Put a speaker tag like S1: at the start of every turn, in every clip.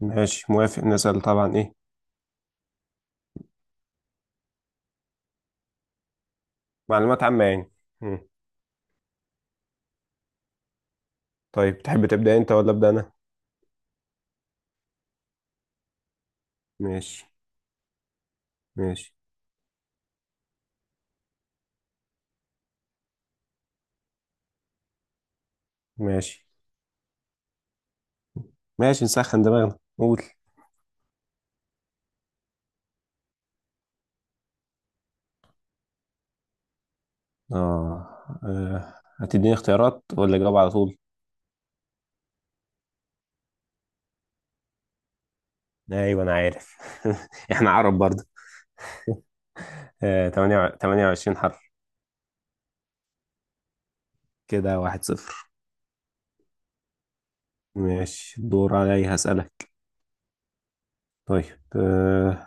S1: ماشي، موافق. نسأل طبعا، ايه؟ معلومات عامة يعني. مم. طيب، تحب تبدأ انت ولا أبدأ انا؟ ماشي. ماشي ماشي ماشي نسخن دماغنا، قول. اه آه، هتديني اختيارات ولا اجاوب على طول؟ ايوه انا عارف. احنا عرب برضه. آه، تمانية 28 حرف. كده واحد صفر. ماشي، الدور عليا هسألك. طيب. آه،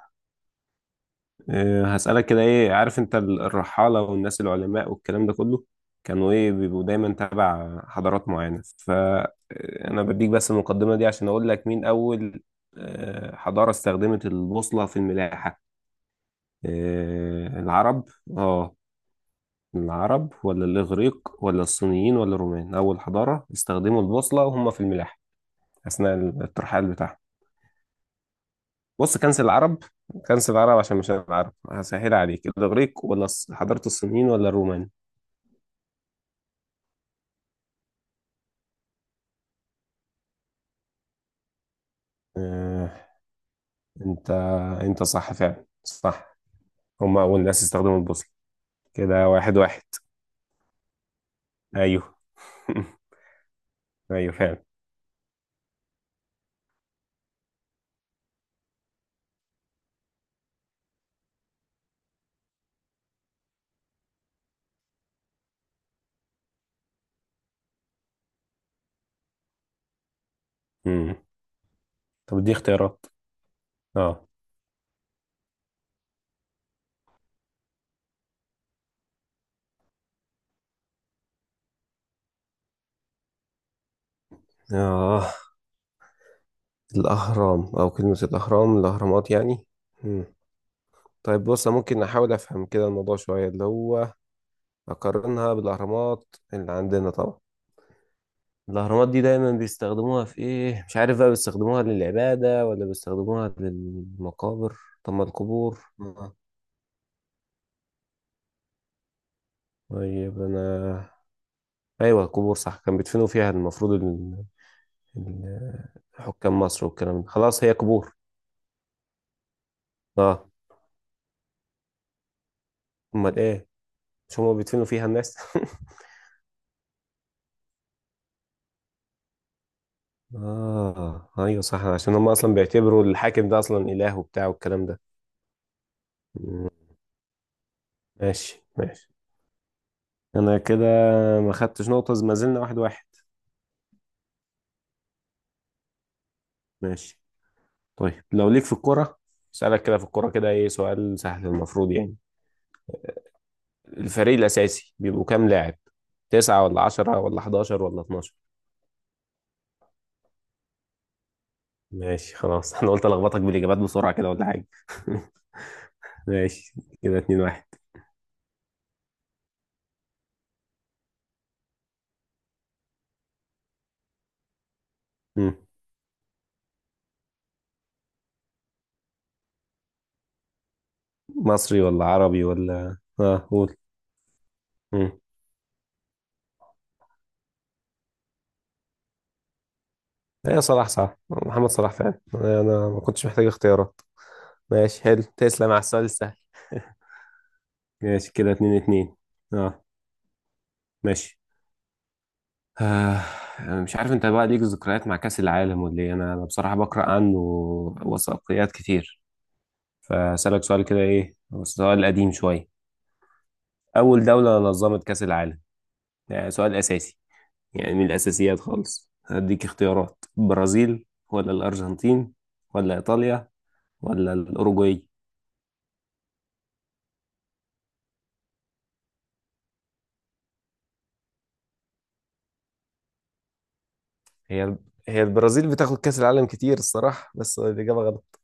S1: هسألك كده، ايه عارف انت الرحالة والناس العلماء والكلام ده كله كانوا ايه بيبقوا دايما تبع حضارات معينة؟ فأنا بديك بس المقدمة دي عشان اقول لك مين أول حضارة استخدمت البوصلة في الملاحة. آه، العرب. اه، العرب ولا الإغريق ولا الصينيين ولا الرومان أول حضارة استخدموا البوصلة وهم في الملاحة أثناء الترحال بتاعهم؟ بص، كنس العرب، كنس العرب عشان مش العرب. هسهل عليك، الإغريق ولا حضارة الصينيين ولا الرومان. آه، انت انت صح، فعلا صح. هم اول ناس استخدموا البوصله. كده واحد واحد. ايوه. ايوه فعلا. مم. طب دي اختيارات. اه اه، الاهرام او كلمه الاهرامات يعني. مم. طيب بص، أنا ممكن احاول افهم كده الموضوع شويه، اللي هو اقارنها بالاهرامات اللي عندنا طبعا. الاهرامات دي دايما بيستخدموها في ايه، مش عارف بقى، بيستخدموها للعباده ولا بيستخدموها للمقابر. طب ما القبور. آه. طيب انا، ايوه القبور صح، كان بيدفنوا فيها المفروض ال- حكام مصر والكلام ده، خلاص هي قبور. اه. امال ايه، مش هما بيدفنوا فيها الناس؟ اه، ايوه صح، عشان هما اصلا بيعتبروا الحاكم ده اصلا اله وبتاع والكلام ده. مم، ماشي ماشي. انا كده ما خدتش نقطة، ما زلنا واحد واحد. ماشي، طيب لو ليك في الكرة، اسألك كده في الكرة كده، ايه سؤال سهل المفروض يعني. الفريق الأساسي بيبقوا كام لاعب، تسعة ولا عشرة ولا حداشر ولا اتناشر؟ ماشي خلاص. انا قلت الخبطك بالاجابات بسرعه كده ولا حاجه. ماشي، كده اتنين واحد. مم. مصري ولا عربي ولا اه قول. مم. ايه، صلاح. صح، محمد صلاح فعلا، انا ما كنتش محتاج اختيارات. ماشي حلو، تسلم على السؤال السهل. ماشي كده اتنين اتنين. اه ماشي. آه. أنا مش عارف انت بقى ليك ذكريات مع كأس العالم ولا ايه، انا بصراحة بقرأ عنه وثائقيات كتير. فأسألك سؤال كده، ايه هو سؤال قديم شوية. أول دولة نظمت كأس العالم، يعني سؤال أساسي، يعني من الأساسيات خالص. هديك اختيارات، برازيل ولا الأرجنتين ولا إيطاليا ولا الأوروجواي. هي هي البرازيل بتاخد كأس العالم كتير الصراحة، بس الإجابة غلط.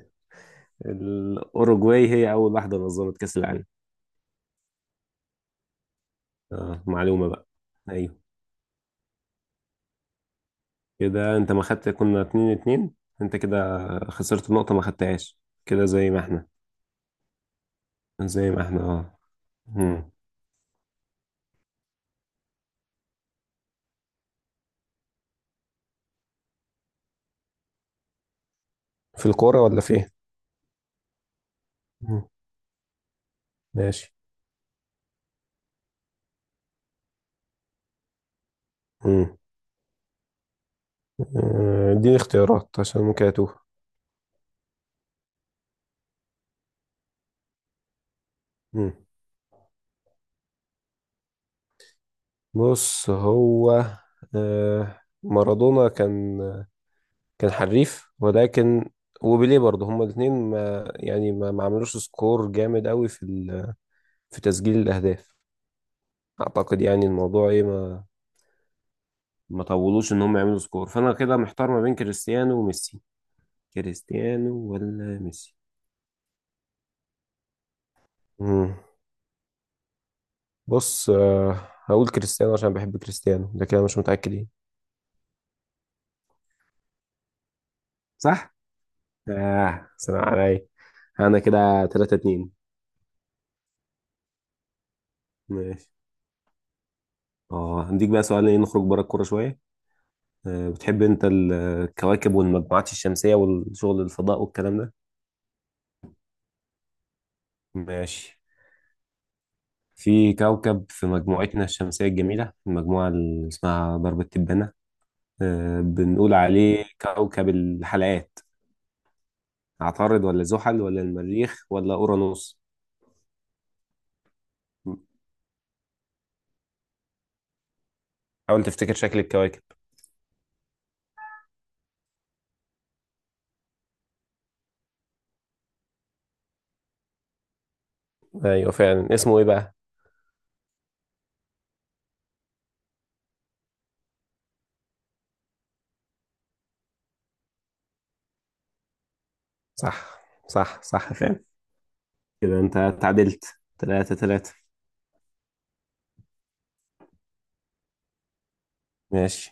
S1: الأوروجواي هي أول واحدة نظمت كأس العالم. آه، معلومة بقى. أيوه. كده أنت ما خدت، كنا اتنين اتنين، أنت كده خسرت النقطة ما خدتهاش. كده زي ما احنا، زي ما احنا. اه. مم. في الكورة ولا في إيه؟ مم. ماشي. مم. اديني اختيارات عشان ممكن أتوه. مم. بص هو، مارادونا كان حريف، ولكن وبيليه برضه هما الاثنين ما يعني ما ما عملوش سكور جامد قوي في في تسجيل الاهداف. اعتقد يعني الموضوع ايه، ما ما طولوش ان هم يعملوا سكور، فانا كده محتار ما بين كريستيانو وميسي. كريستيانو ولا ميسي؟ مم. بص، هقول كريستيانو عشان بحب كريستيانو، لكن انا مش متأكد ايه. صح؟ سلام عليا. انا كده 3-2. ماشي. اه هنديك بقى سؤال، ايه نخرج بره الكوره شويه. بتحب انت الكواكب والمجموعات الشمسيه والشغل الفضاء والكلام ده؟ ماشي. في كوكب في مجموعتنا الشمسيه الجميله، المجموعه اللي اسمها درب التبانه، بنقول عليه كوكب الحلقات. عطارد ولا زحل ولا المريخ ولا اورانوس؟ حاول تفتكر شكل الكواكب. ايوه فعلا، اسمه ايه بقى؟ صح صح صح، فعلا. كده انت تعادلت تلاتة تلاتة. ماشي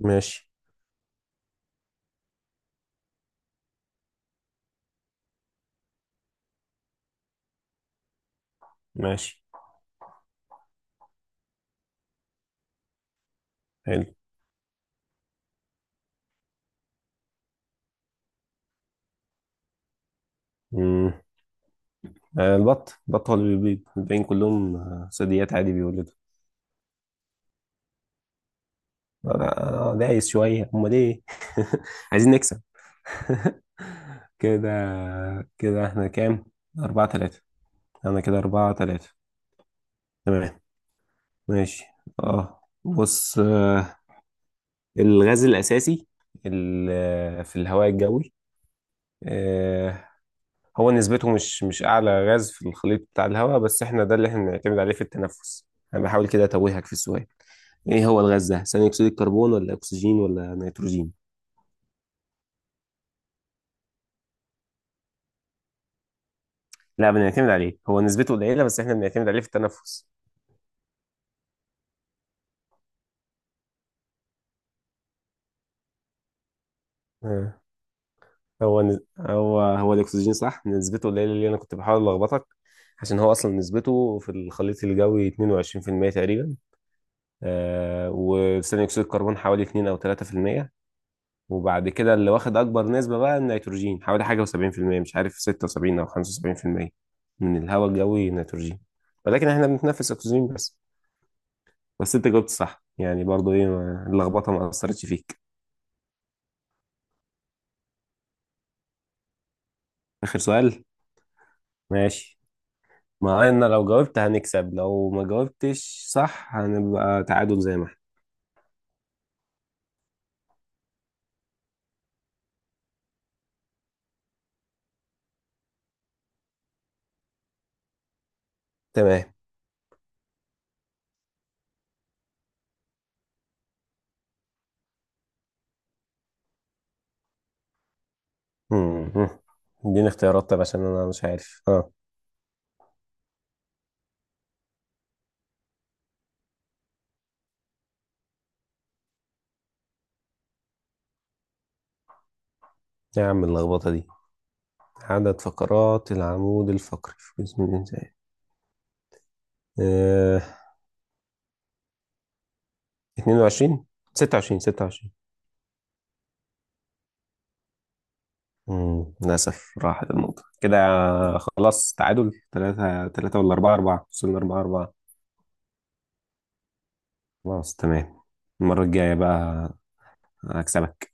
S1: ماشي ماشي حلو. آه، البط، البط هو اللي بيبيض، الباقيين كلهم ثدييات عادي بيولدوا. أنا دايس شوية هما ليه. عايزين نكسب. كده كده احنا كام؟ أربعة تلاتة. أنا كده أربعة تلاتة. تمام ماشي. اه بص، الغاز الأساسي في الهواء الجوي، آه، هو نسبته مش أعلى غاز في الخليط بتاع الهواء، بس احنا ده اللي احنا بنعتمد عليه في التنفس. أنا بحاول كده أتوهك في السؤال. ايه هو الغاز ده، ثاني اكسيد الكربون ولا اكسجين ولا نيتروجين؟ لا بنعتمد عليه، هو نسبته قليله بس احنا بنعتمد عليه في التنفس. آه. هو هو الاكسجين صح، نسبته قليله اللي انا كنت بحاول الخبطك، عشان هو اصلا نسبته في الخليط الجوي 22% تقريبا. وثاني اكسيد الكربون حوالي 2 او 3%. وبعد كده اللي واخد اكبر نسبه بقى النيتروجين، حوالي حاجه و70%، مش عارف 76 او 75% من الهواء الجوي نيتروجين. ولكن احنا بنتنفس اكسجين بس. بس انت جاوبت صح يعني، برضو ايه اللخبطه ما اثرتش فيك. اخر سؤال. ماشي. مع ان لو جاوبت هنكسب، لو ما جاوبتش صح هنبقى تعادل زي ما احنا. تمام. مم. اديني اختيارات طب، عشان انا مش عارف اه. يا عم اللخبطه دي. عدد فقرات العمود الفقري في جسم الانسان. آه. 22، 26، 26. مم. للاسف راحت النقطه كده، خلاص تعادل 3-3 ولا 4-4، وصلنا 4-4 خلاص تمام. المرة الجاية بقى هكسبك.